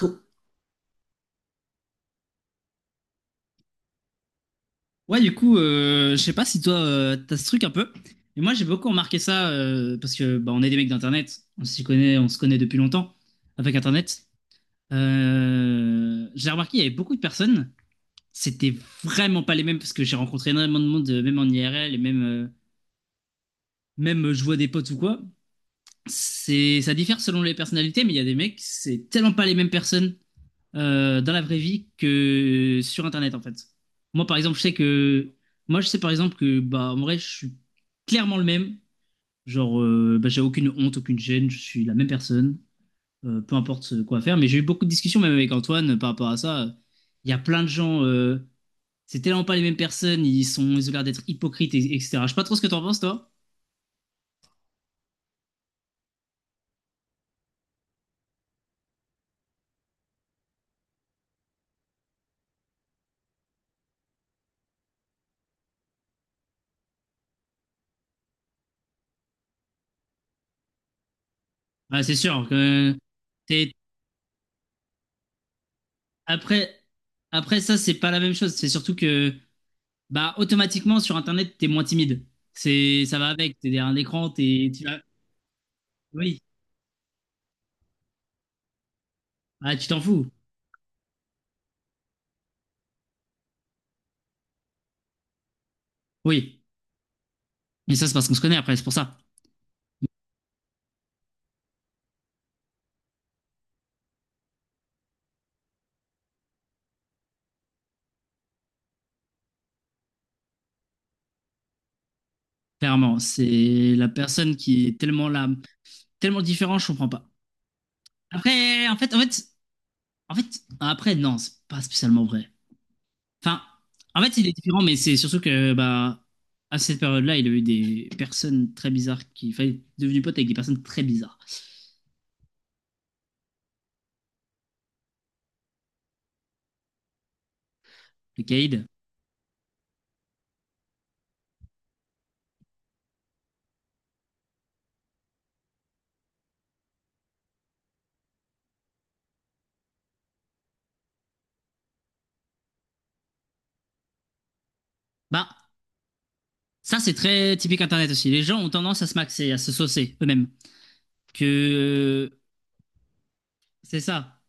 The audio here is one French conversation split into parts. Cool. Ouais, du coup, je sais pas si toi, t'as ce truc un peu. Mais moi, j'ai beaucoup remarqué ça parce que bah, on est des mecs d'Internet. On s'y connaît, on se connaît depuis longtemps avec Internet. J'ai remarqué, il y avait beaucoup de personnes. C'était vraiment pas les mêmes parce que j'ai rencontré énormément de monde, même en IRL et même, je vois des potes ou quoi. Ça diffère selon les personnalités, mais il y a des mecs, c'est tellement pas les mêmes personnes dans la vraie vie que sur Internet, en fait. Moi, par exemple, je sais que... Moi, je sais, par exemple, que, bah, en vrai, je suis clairement le même. Genre, bah, j'ai aucune honte, aucune gêne, je suis la même personne, peu importe quoi faire. Mais j'ai eu beaucoup de discussions, même avec Antoine, par rapport à ça. Il y a plein de gens... c'est tellement pas les mêmes personnes, ils ont l'air d'être hypocrites, etc. Je sais pas trop ce que t'en penses, toi. Ah, c'est sûr que t'es- après, après ça, c'est pas la même chose. C'est surtout que, bah, automatiquement, sur Internet, t'es moins timide. Ça va avec. T'es derrière un écran, oui. Ah, tu t'en fous. Oui. Mais ça, c'est parce qu'on se connaît après, c'est pour ça. Clairement, c'est la personne qui est tellement là, tellement différente, je comprends pas. Après, en fait, après, non, c'est pas spécialement vrai. Enfin, en fait, il est différent, mais c'est surtout que, bah, à cette période-là, il a eu des personnes très bizarres enfin, il est devenu pote avec des personnes très bizarres. Le Kaïd, bah, ça, c'est très typique Internet aussi. Les gens ont tendance à se maxer, à se saucer eux-mêmes. Que c'est ça.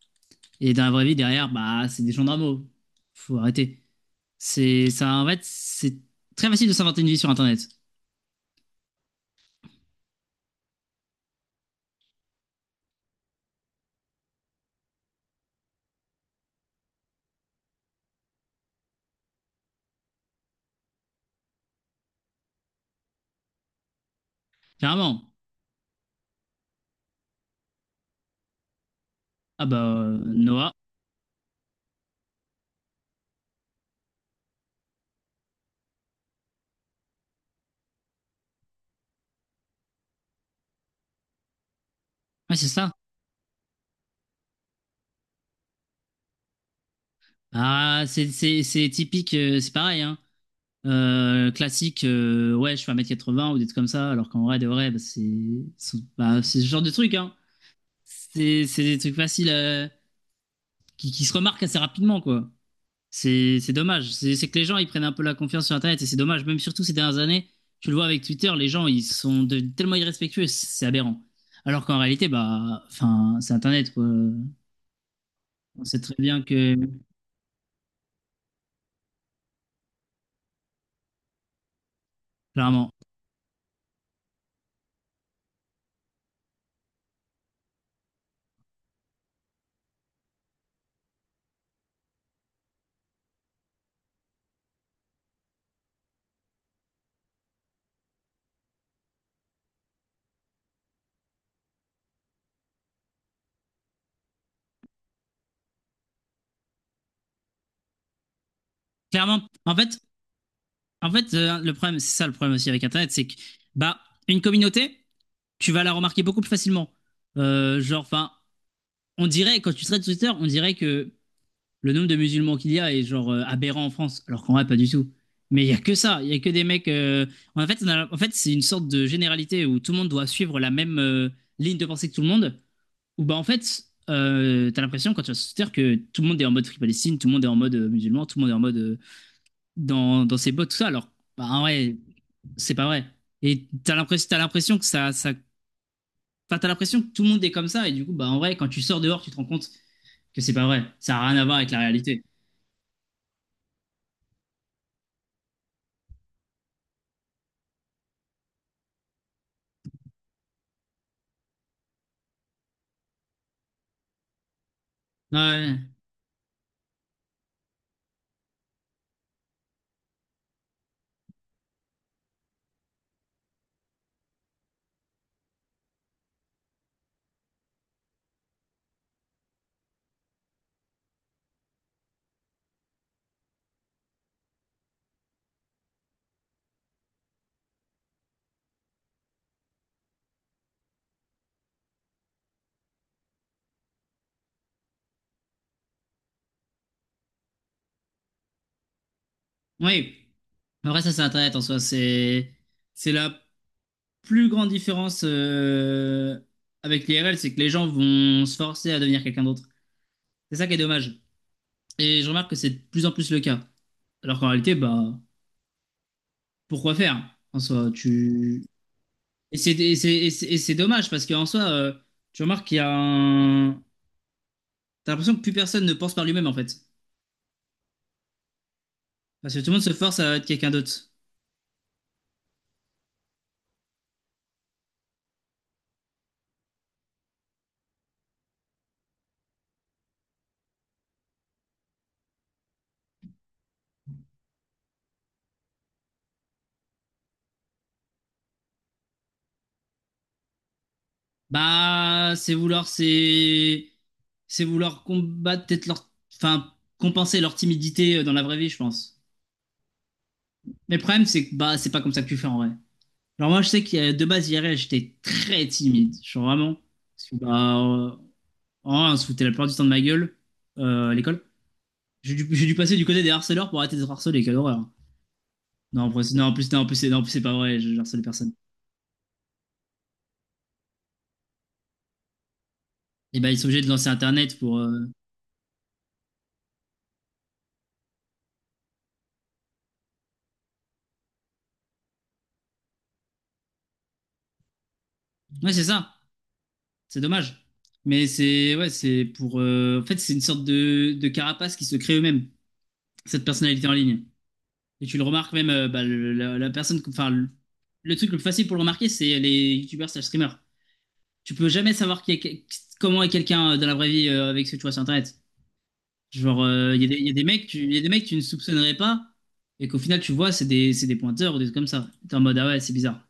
Et dans la vraie vie, derrière, bah, c'est des gens normaux. Faut arrêter. C'est ça, en fait, c'est très facile de s'inventer une vie sur Internet. Clairement. Ah bah, Noah. Ouais, c'est ça. Ah, c'est typique, c'est pareil, hein. Classique, ouais, je fais un mètre quatre-vingts ou des trucs comme ça, alors qu'en vrai, de vrai, bah, c'est ce genre de truc, hein. C'est des trucs faciles, qui se remarquent assez rapidement, quoi. C'est dommage. C'est que les gens, ils prennent un peu la confiance sur Internet et c'est dommage. Même surtout ces dernières années, tu le vois avec Twitter, les gens, ils sont tellement irrespectueux, c'est aberrant. Alors qu'en réalité, bah, enfin, c'est Internet, quoi. On sait très bien que, clairement, clairement, en fait, le problème, c'est ça le problème aussi avec Internet, c'est que, bah, une communauté, tu vas la remarquer beaucoup plus facilement. Genre, enfin, on dirait, quand tu traites Twitter, on dirait que le nombre de musulmans qu'il y a est genre aberrant en France, alors qu'en vrai, pas du tout. Mais il y a que ça, il y a que des mecs. En fait, en fait c'est une sorte de généralité où tout le monde doit suivre la même ligne de pensée que tout le monde. Où bah en fait, t'as l'impression quand tu vas sur Twitter que tout le monde est en mode Free Palestine, tout le monde est en mode musulman, tout le monde est en mode dans ses bottes, tout ça. Alors, bah, en vrai, c'est pas vrai. Et t'as l'impression que ça. Enfin, t'as l'impression que tout le monde est comme ça. Et du coup, bah en vrai, quand tu sors dehors, tu te rends compte que c'est pas vrai. Ça a rien à voir avec la réalité. Ouais. Ouais, ouais. Oui. Après, ça, c'est Internet en soi. C'est la plus grande différence, avec l'IRL, c'est que les gens vont se forcer à devenir quelqu'un d'autre. C'est ça qui est dommage. Et je remarque que c'est de plus en plus le cas. Alors qu'en réalité, bah, pourquoi faire en soi, tu... Et c'est dommage parce qu'en soi, tu remarques qu'il y a un... T'as l'impression que plus personne ne pense par lui-même en fait. Parce que tout le monde se force à être quelqu'un d'autre. Bah, c'est vouloir combattre peut-être leur, enfin, compenser leur timidité, dans la vraie vie, je pense. Mais le problème, c'est que bah, c'est pas comme ça que tu fais en vrai. Alors moi, je sais que, de base, hier j'étais très timide, je suis vraiment. Parce que bah, en vrai, on se foutait la plupart du temps de ma gueule, à l'école. J'ai dû passer du côté des harceleurs pour arrêter d'être harcelé, quelle horreur. Non, en plus, c'est pas vrai, je harcèle personne. Et bah, ils sont obligés de lancer Internet pour. Ouais, c'est ça. C'est dommage. Mais c'est ouais, c'est pour. En fait, c'est une sorte de, carapace qui se crée eux-mêmes, cette personnalité en ligne. Et tu le remarques même, bah, la personne. Enfin, le truc le plus facile pour le remarquer, c'est les youtubeurs slash streamers. Tu peux jamais savoir qui est comment est quelqu'un, dans la vraie vie, avec ce que tu vois sur Internet. Genre, il y a des mecs tu ne soupçonnerais pas, et qu'au final, tu vois, c'est des pointeurs ou des trucs comme ça. T'es en mode, ah ouais, c'est bizarre.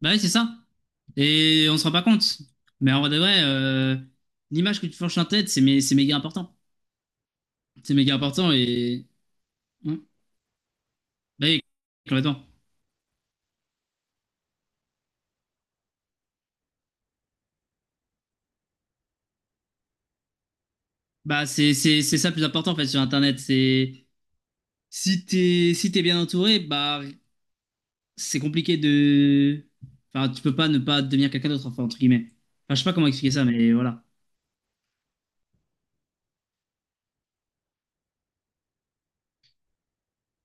Bah oui, c'est ça. Et on se rend pas compte. Mais en vrai de vrai, l'image que tu forges en tête, c'est méga important. C'est méga important et. Hmm. Bah oui, complètement. Bah c'est ça le plus important en fait sur Internet. C'est si t'es bien entouré, bah c'est compliqué de. Enfin, tu peux pas ne pas devenir quelqu'un d'autre, enfin, entre guillemets. Enfin, je sais pas comment expliquer ça, mais voilà.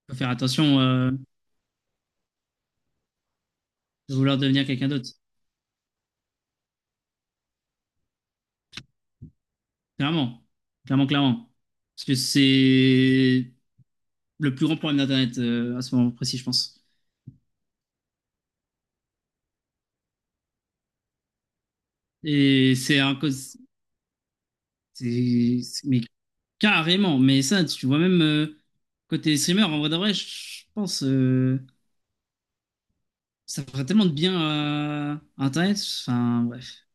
Faut faire attention, de vouloir devenir quelqu'un d'autre. Clairement. Clairement, clairement. Parce que c'est. Le plus grand problème d'Internet, à ce moment précis, je pense. Et c'est un cause. Mais carrément, mais ça, tu vois, même côté streamer, en vrai de vrai, je pense ça ferait tellement de bien à Internet. Enfin, bref.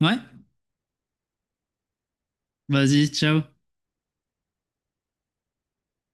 Ouais, vas-y, ciao.